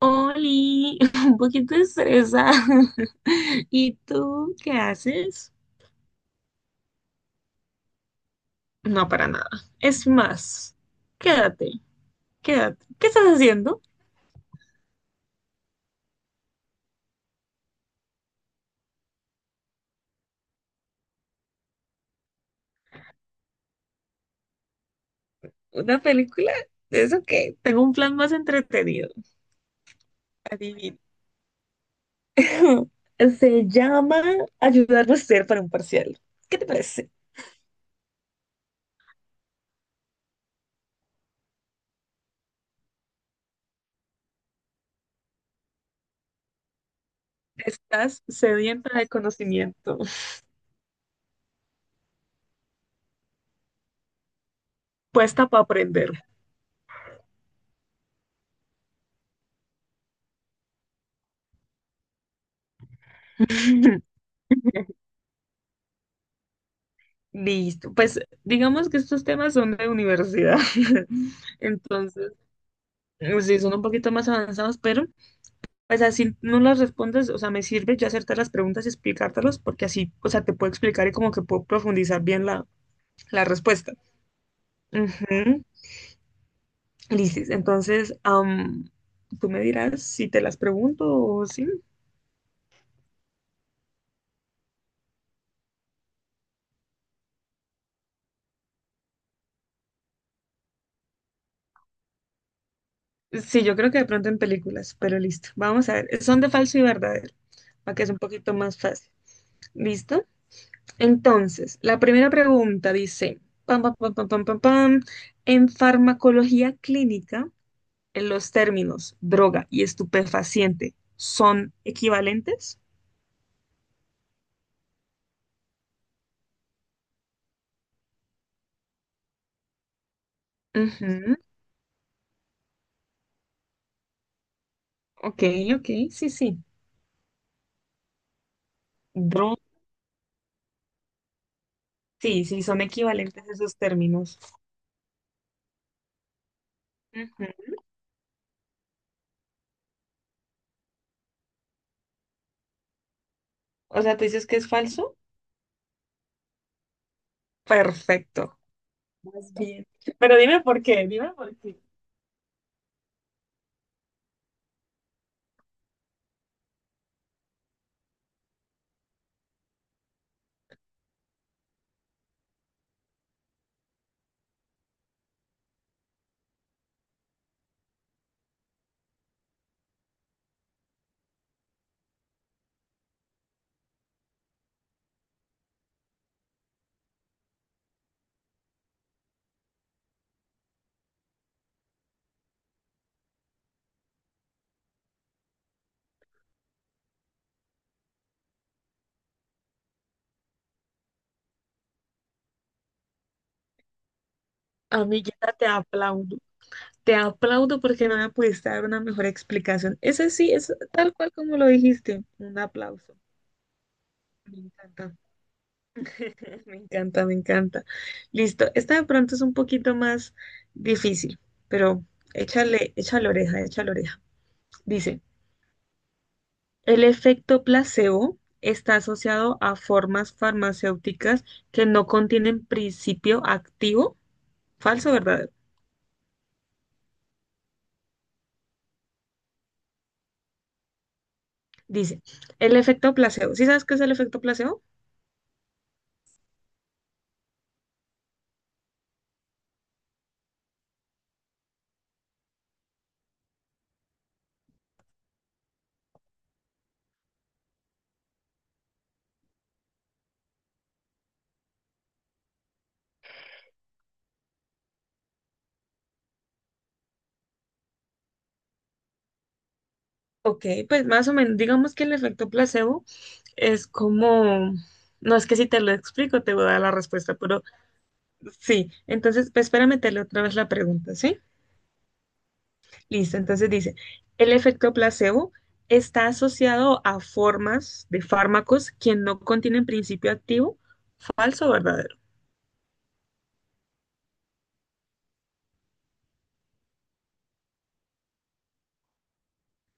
Oli, un poquito estresada. ¿Y tú qué haces? No, para nada. Es más, quédate, quédate. ¿Qué estás haciendo? ¿Una película? ¿Eso qué? Tengo un plan más entretenido. Adivina. Se llama ayudar a ser para un parcial. ¿Qué te parece? Estás sedienta de conocimiento. Puesta para aprender. Listo, pues digamos que estos temas son de universidad. Entonces, sí, son un poquito más avanzados, pero, o sea, si no las respondes, o sea, me sirve yo hacerte las preguntas y explicártelas, porque así, o sea, te puedo explicar y como que puedo profundizar bien la, la respuesta. Ujú. Lisis, entonces, tú me dirás si te las pregunto o sí. Sí, yo creo que de pronto en películas, pero listo. Vamos a ver, son de falso y verdadero, para que es un poquito más fácil. ¿Listo? Entonces, la primera pregunta dice, pam, pam, pam, pam, pam, pam, pam, en farmacología clínica, ¿los términos droga y estupefaciente son equivalentes? Ujú. Ok, ok, sí, sí. Dro- sí, sí, son equivalentes esos términos. Ujú. O sea, ¿tú dices que es falso? Perfecto. Estás bien. Pero dime por qué, dime por qué. Amiguita, te aplaudo. Te aplaudo porque no me pudiste dar una mejor explicación. Ese sí, es tal cual como lo dijiste. Un aplauso. Me encanta. Me encanta, me encanta. Listo. Esta de pronto es un poquito más difícil, pero échale, échale oreja, échale oreja. Dice, el efecto placebo está asociado a formas farmacéuticas que no contienen principio activo, ¿falso o verdadero? Dice, el efecto placebo. ¿Sí sabes qué es el efecto placebo? Ok, pues más o menos, digamos que el efecto placebo es como, no es que si te lo explico te voy a dar la respuesta, pero sí. Entonces, pues espera meterle otra vez la pregunta, ¿sí? Listo, entonces dice, el efecto placebo está asociado a formas de fármacos que no contienen principio activo, ¿falso o verdadero?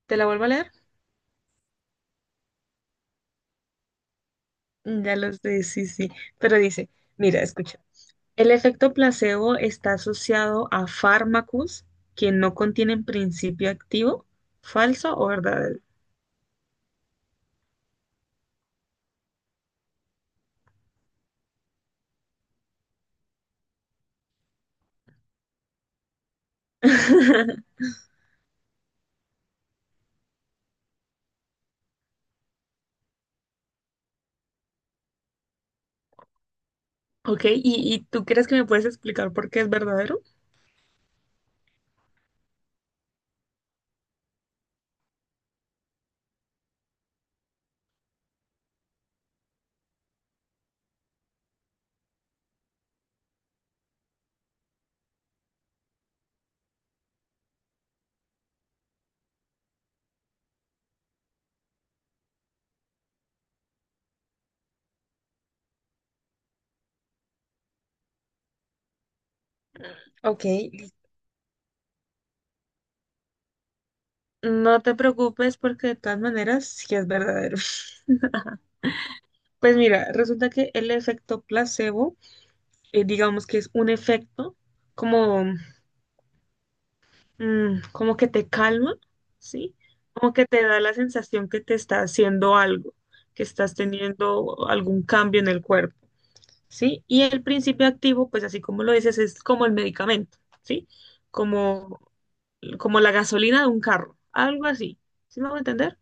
¿Te la vuelvo a leer? Mm, ya lo sé, sí, sí, pero dice, mira, escucha, el efecto placebo está asociado a fármacos que no contienen principio activo, ¿falso o verdadero? Ok, y tú crees que me puedes explicar por qué es verdadero? Ok, no te preocupes porque de todas maneras sí es verdadero. Pues mira, resulta que el efecto placebo, digamos que es un efecto como, como que te calma, ¿sí? Como que te da la sensación que te está haciendo algo, que estás teniendo algún cambio en el cuerpo, ¿sí? Y el principio activo, pues así como lo dices, es como el medicamento, ¿sí? Como, como la gasolina de un carro, algo así, ¿sí me a entender?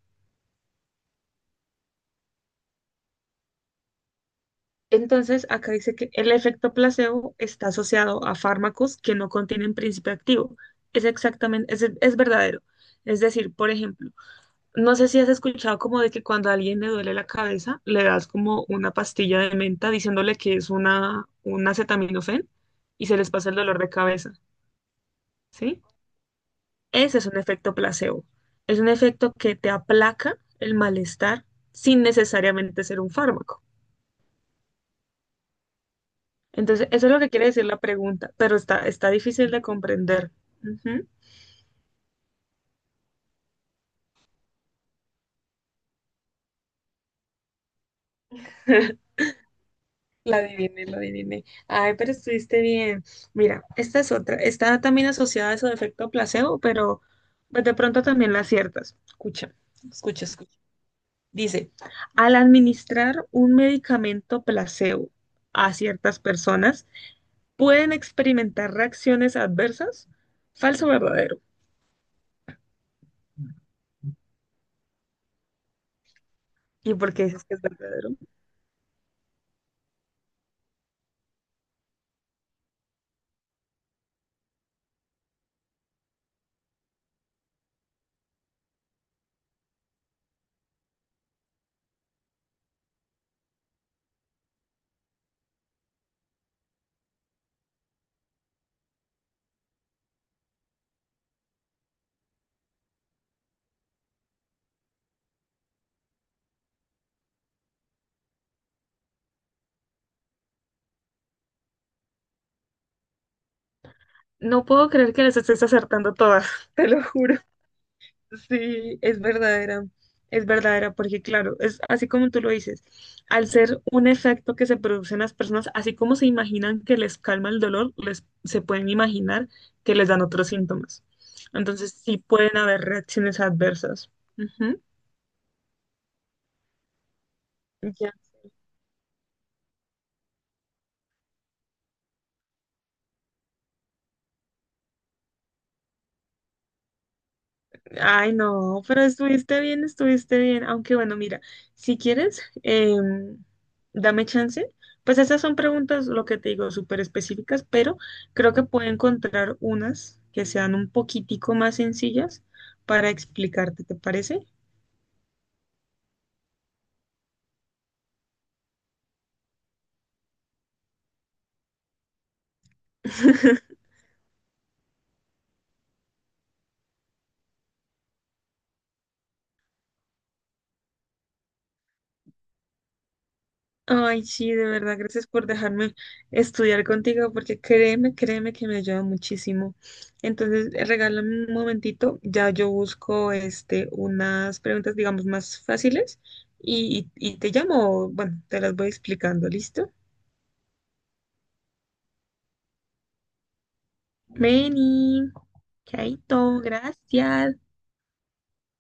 Entonces, acá dice que el efecto placebo está asociado a fármacos que no contienen principio activo. Es exactamente, es verdadero. Es decir, por ejemplo, no sé si has escuchado como de que cuando a alguien le duele la cabeza, le das como una pastilla de menta diciéndole que es una, un acetaminofén y se les pasa el dolor de cabeza, ¿sí? Ese es un efecto placebo. Es un efecto que te aplaca el malestar sin necesariamente ser un fármaco. Entonces, eso es lo que quiere decir la pregunta, pero está, está difícil de comprender. Ujú. La adiviné, la adiviné. Ay, pero estuviste bien. Mira, esta es otra. Está también asociada a eso de efecto placebo, pero pues de pronto también la aciertas. Escucha, escucha, escucha. Dice, al administrar un medicamento placebo a ciertas personas, pueden experimentar reacciones adversas. ¿Falso o verdadero? ¿Y por qué dices que es verdadero? No puedo creer que las estés acertando todas, te lo juro. Sí, es verdadera, porque claro, es así como tú lo dices, al ser un efecto que se produce en las personas, así como se imaginan que les calma el dolor, les, se pueden imaginar que les dan otros síntomas. Entonces sí pueden haber reacciones adversas. Ujú. Ya. Ay, no, pero estuviste bien, estuviste bien. Aunque bueno, mira, si quieres, dame chance. Pues esas son preguntas, lo que te digo, súper específicas, pero creo que puedo encontrar unas que sean un poquitico más sencillas para explicarte, ¿te parece? Ay, sí, de verdad, gracias por dejarme estudiar contigo, porque créeme, créeme que me ayuda muchísimo. Entonces, regálame un momentito, ya yo busco este, unas preguntas, digamos, más fáciles y, y te llamo, bueno, te las voy explicando, ¿listo? Meni, chaito, gracias.